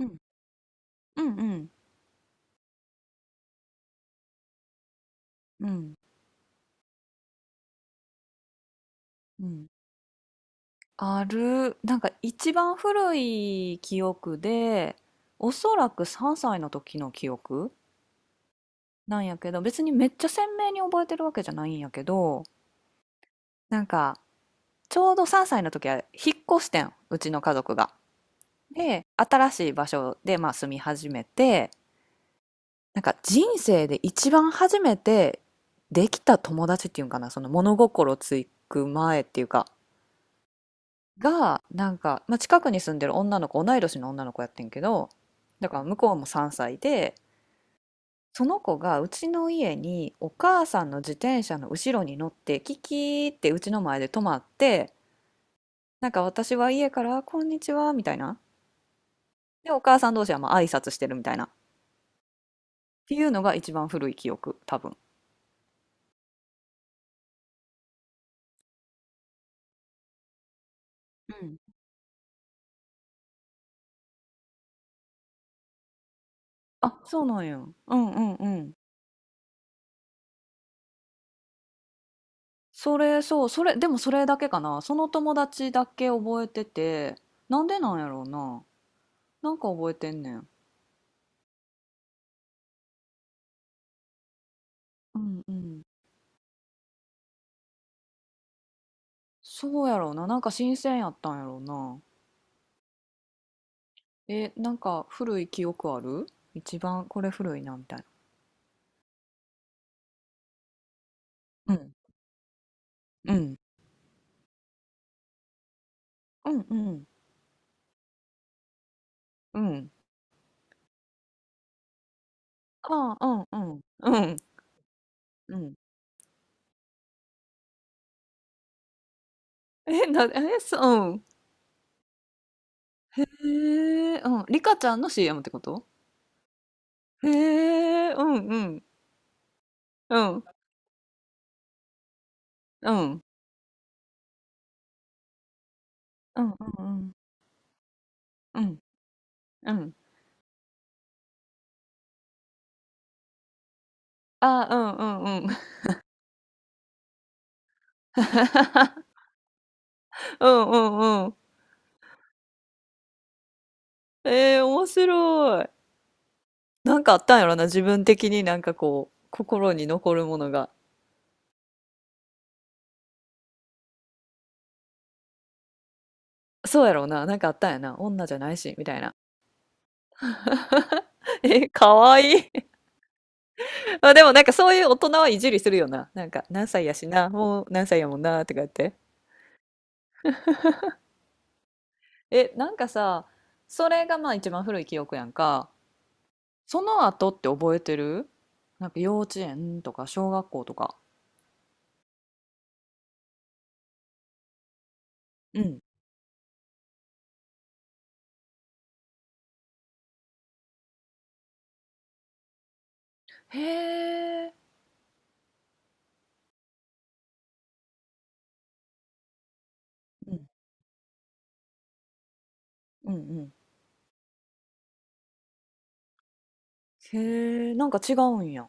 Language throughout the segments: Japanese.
うん、うん、うん、うん、うん。ある、なんか一番古い記憶で、おそらく3歳の時の記憶なんやけど、別にめっちゃ鮮明に覚えてるわけじゃないんやけど、なんか、ちょうど3歳の時は引っ越してん、うちの家族が。で、新しい場所で、まあ、住み始めて、なんか人生で一番初めてできた友達っていうんかな、その物心つく前っていうか、が、なんか、まあ、近くに住んでる女の子、同い年の女の子やってんけど、だから向こうも3歳で、その子がうちの家にお母さんの自転車の後ろに乗って、キキーってうちの前で止まって、なんか私は家から、こんにちは、みたいな。で、お母さん同士はまあ挨拶してるみたいな。っていうのが一番古い記憶、多分。うん。あ、そうなんや。うんうんうん。それ、でもそれだけかな。その友達だけ覚えてて、なんでなんやろうな。なんか覚えてんねん。うんうん。そうやろうな。なんか新鮮やったんやろうな。え、なんか古い記憶ある？一番これ古いなみたいな。うん。うん。うんうん。うん。ああ、うんうん。うん。うん。え、な、え、そう。うん。へえ、うん。リカちゃんの CM ってこと？へえ、うんうん。うん。うん。うんうんうん。うん。うん。ああ、うんうんうん うんうんうん。えー、面白い。なんかあったんやろな、自分的になんかこう、心に残るものが。そうやろうな、なんかあったんやな、女じゃないし、みたいな。え、かわいい。まあでもなんかそういう大人はいじりするよな。なんか何歳やしな、もう何歳やもんな、とか言って。え、なんかさ、それがまあ一番古い記憶やんか。その後って覚えてる？なんか幼稚園とか小学校とか。うん。へえ。うん。うんうん。へえ、なんか違うんや。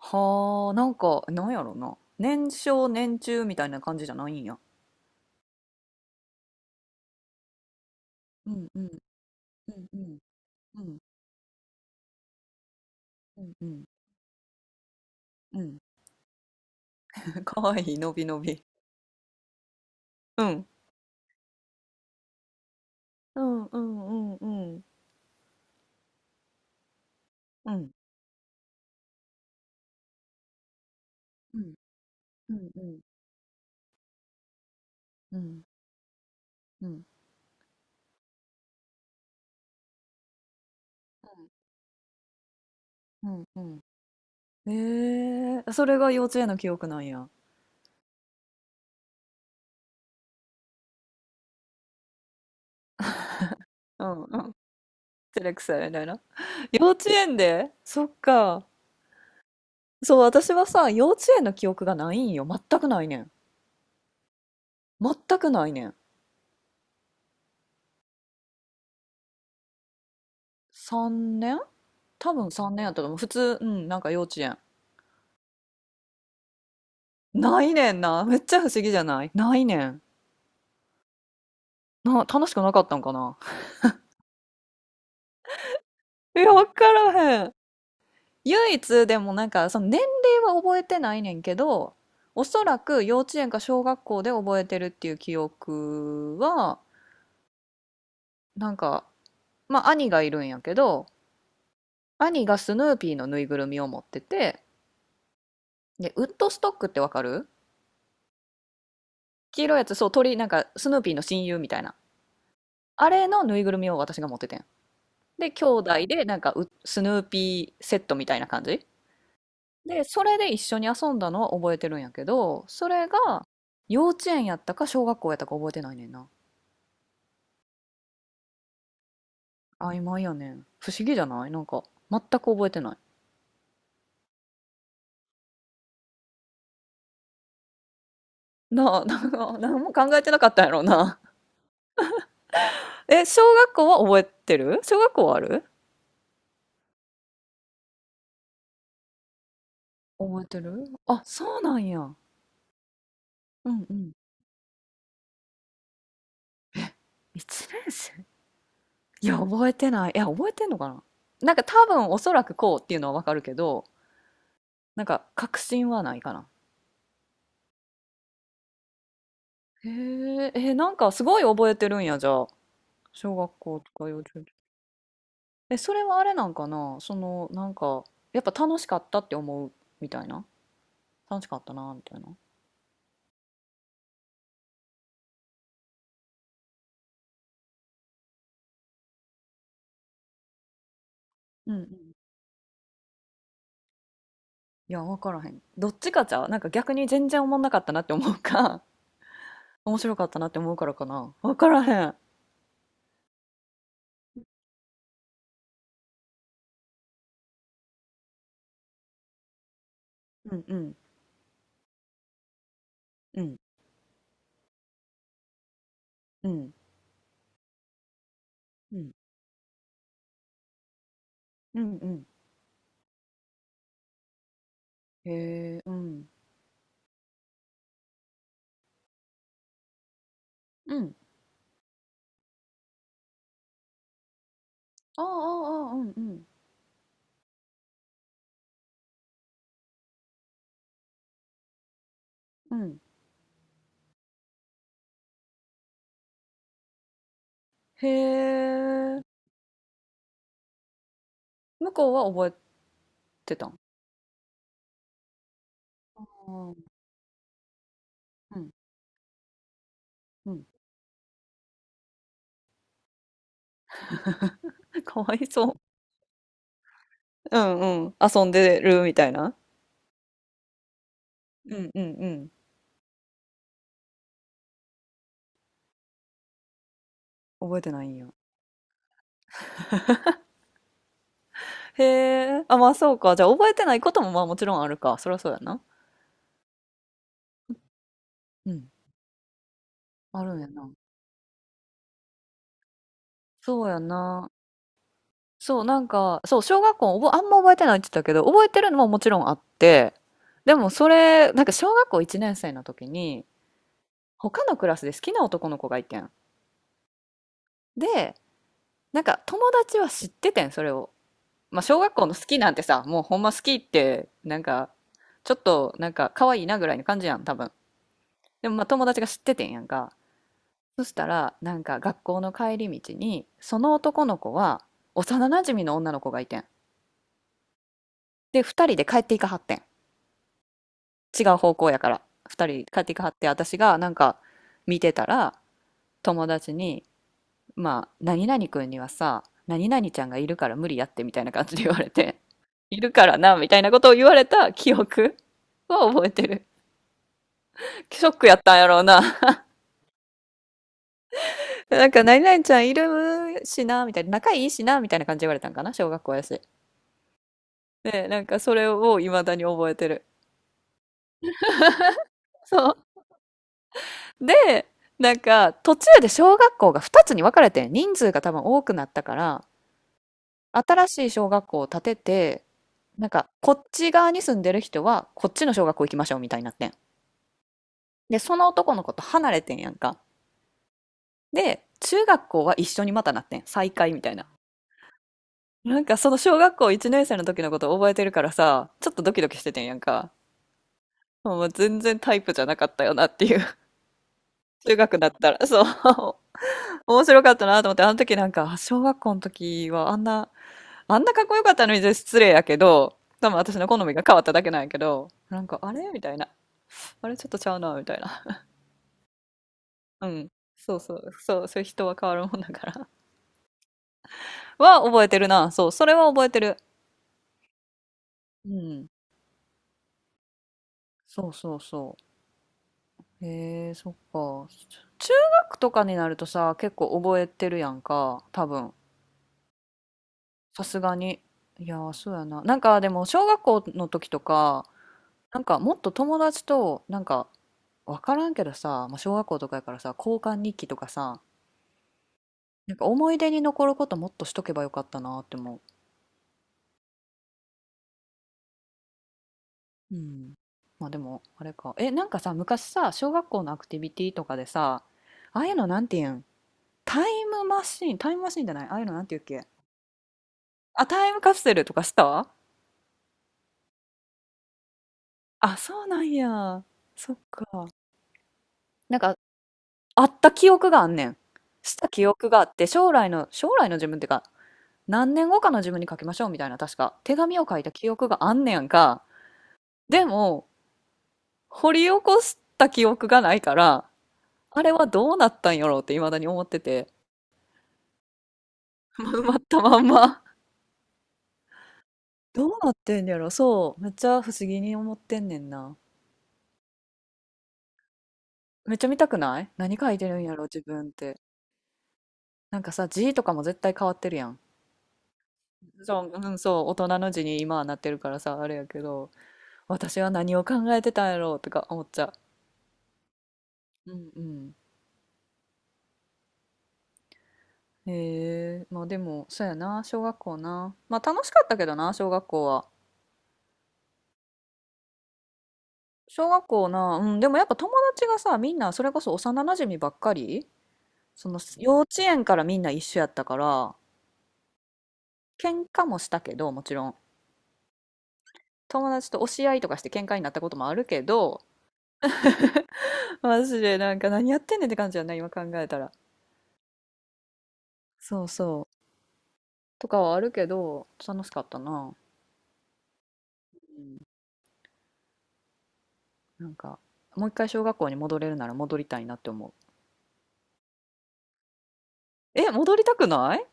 はあ、なんか、なんやろな。年少年中みたいな感じじゃないんや。うんうんうんうんうんうんうんうん。かわいい、のびのび。うん。うんうんうんうんうんうんうんうんうんうんうんうんうん。えー、それが幼稚園の記憶なんや。うんうん。照れくさいみたいな。幼稚園でそっか。そう、私はさ、幼稚園の記憶がないんよ。全くないねん。全くないねん。3年。多分3年やったと思う。普通、うん、なんか幼稚園。ないねんな。めっちゃ不思議じゃない？ないねん。な、楽しくなかったんかな。いや、わからへん。唯一でもなんか、その年齢は覚えてないねんけど、おそらく幼稚園か小学校で覚えてるっていう記憶は、なんか、まあ兄がいるんやけど、兄がスヌーピーのぬいぐるみを持ってて、で、ウッドストックってわかる？黄色いやつ、そう、鳥、なんか、スヌーピーの親友みたいな。あれのぬいぐるみを私が持っててん。で、兄弟で、なんかう、スヌーピーセットみたいな感じで、それで一緒に遊んだのは覚えてるんやけど、それが、幼稚園やったか小学校やったか覚えてないねんな。曖昧やねん。不思議じゃない？なんか、全く覚えてない。なあ、なんか、何も考えてなかったんやろうな。え、小学校は覚えてる？小学校はある？覚えてる？あ、そうなんや。うんうん。1年生？いや、覚えてない。いや、覚えてんのかな？なんか多分おそらくこうっていうのはわかるけど、なんか確信はないかな。へえ、え、なんかすごい覚えてるんや、じゃあ。小学校とか幼稚園とか。え、それはあれなんかな？その、なんか、やっぱ楽しかったって思うみたいな。楽しかったな、みたいな。うんうん。いや、わからへん。どっちかじゃう？なんか逆に全然思んなかったなって思うか、面白かったなって思うからかな。わからへん。うんうんうんうんうんうんうん。へえ、うん。うん。ああ、ああ、ああうんうん。うん。へえ、向こうは覚えてたん？ああ、うんうん。かわいそう。うんうん。遊んでるみたいな。うんうんうん。覚えてないんや。へえ。あ、まあそうか。じゃあ覚えてないこともまあもちろんあるか。そりゃそうやな。うん。あるんやな。そうやな。そう、なんか、そう、小学校おぼあんま覚えてないって言ったけど、覚えてるのももちろんあって、でもそれ、なんか小学校1年生の時に、他のクラスで好きな男の子がいてん。で、なんか友達は知っててん、それを。まあ、小学校の好きなんてさ、もうほんま好きって、なんか、ちょっと、なんか、可愛いなぐらいの感じやん、多分。でも、まあ、友達が知っててんやんか。そしたら、なんか、学校の帰り道に、その男の子は、幼馴染の女の子がいてん。で、二人で帰っていかはってん。違う方向やから。二人帰っていかはって、私が、なんか、見てたら、友達に、まあ、何々くんにはさ、何々ちゃんがいるから無理やってみたいな感じで言われて、いるからな、みたいなことを言われた記憶 は覚えてる。ショックやったんやろうな。なんか、何々ちゃんいるしな、みたいな、仲いいしな、みたいな感じで言われたんかな、小学校やし。で、なんか、それを未だに覚えてる。そう。で、なんか、途中で小学校が2つに分かれてん、人数が多分多くなったから、新しい小学校を建てて、なんか、こっち側に住んでる人は、こっちの小学校行きましょうみたいになってん。で、その男の子と離れてんやんか。で、中学校は一緒にまたなってん。再会みたいな。なんかその小学校1年生の時のこと覚えてるからさ、ちょっとドキドキしててんやんか。もう全然タイプじゃなかったよなっていう。中学だったら、そう。面白かったなと思って、あの時なんか、あ小学校の時はあんな、あんなかっこよかったのに失礼やけど、多分私の好みが変わっただけなんやけど、なんか、あれみたいな。あれちょっとちゃうなみたいな。うん。そうそう、そう、そういう人は変わるもんだから。は覚えてるな。そう、それは覚えてる。うん。そうそうそう。へえ、そっか。中学とかになるとさ、結構覚えてるやんか、多分。さすがに。いやー、そうやな。なんかでも、小学校の時とか、なんかもっと友達と、なんか、わからんけどさ、まあ、小学校とかやからさ、交換日記とかさ、なんか思い出に残ることもっとしとけばよかったなって思う。うん。まあでも、あれか。え、なんかさ、昔さ、小学校のアクティビティとかでさ、ああいうのなんていうん？タイムマシーン、タイムマシーンじゃない、ああいうのなんていうっけ？あ、タイムカプセルとかした？あ、そうなんや。そっか。なんか、あった記憶があんねん。した記憶があって、将来の自分っていうか、何年後かの自分に書きましょうみたいな、確か、手紙を書いた記憶があんねやんか。でも、掘り起こした記憶がないから、あれはどうなったんやろうって未だに思ってて、埋まったまんま。どうなってんやろ？そう。めっちゃ不思議に思ってんねんな。めっちゃ見たくない？何書いてるんやろ自分って。なんかさ、字とかも絶対変わってるやん。そう、うん、そう、大人の字に今はなってるからさ、あれやけど、私は何を考えてたんやろうとか思っちゃう。うんうん。へえ、まあでも、そうやな、小学校な。まあ楽しかったけどな、小学校は。小学校な、うん、でもやっぱ友達がさ、みんなそれこそ幼なじみばっかり、その幼稚園からみんな一緒やったから、喧嘩もしたけど、もちろん。友達と押し合いとかして喧嘩になったこともあるけど、マジでなんか何やってんねんって感じやな、今考えたら。そうそう。とかはあるけど、楽しかったな。うん、なんか、もう一回小学校に戻れるなら戻りたいなって思う。え、戻りたくない？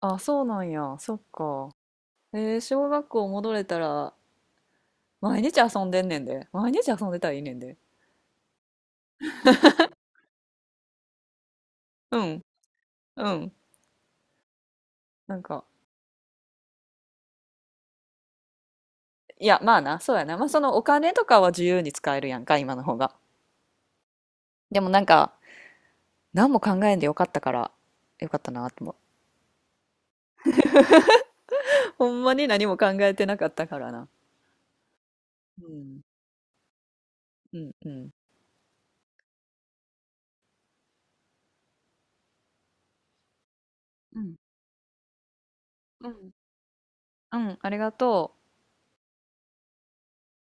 あ、そうなんや。そっか。えー、小学校戻れたら、毎日遊んでんねんで。毎日遊んでたらいいねんで。うん、うん。なんか、いや、まあな、そうやな。まあそのお金とかは自由に使えるやんか、今の方が。でもなんか、何も考えんでよかったから、よかったなって思う。ほんまに何も考えてなかったからな。うん、うん、うん。うん、うん。うん、ありがとう。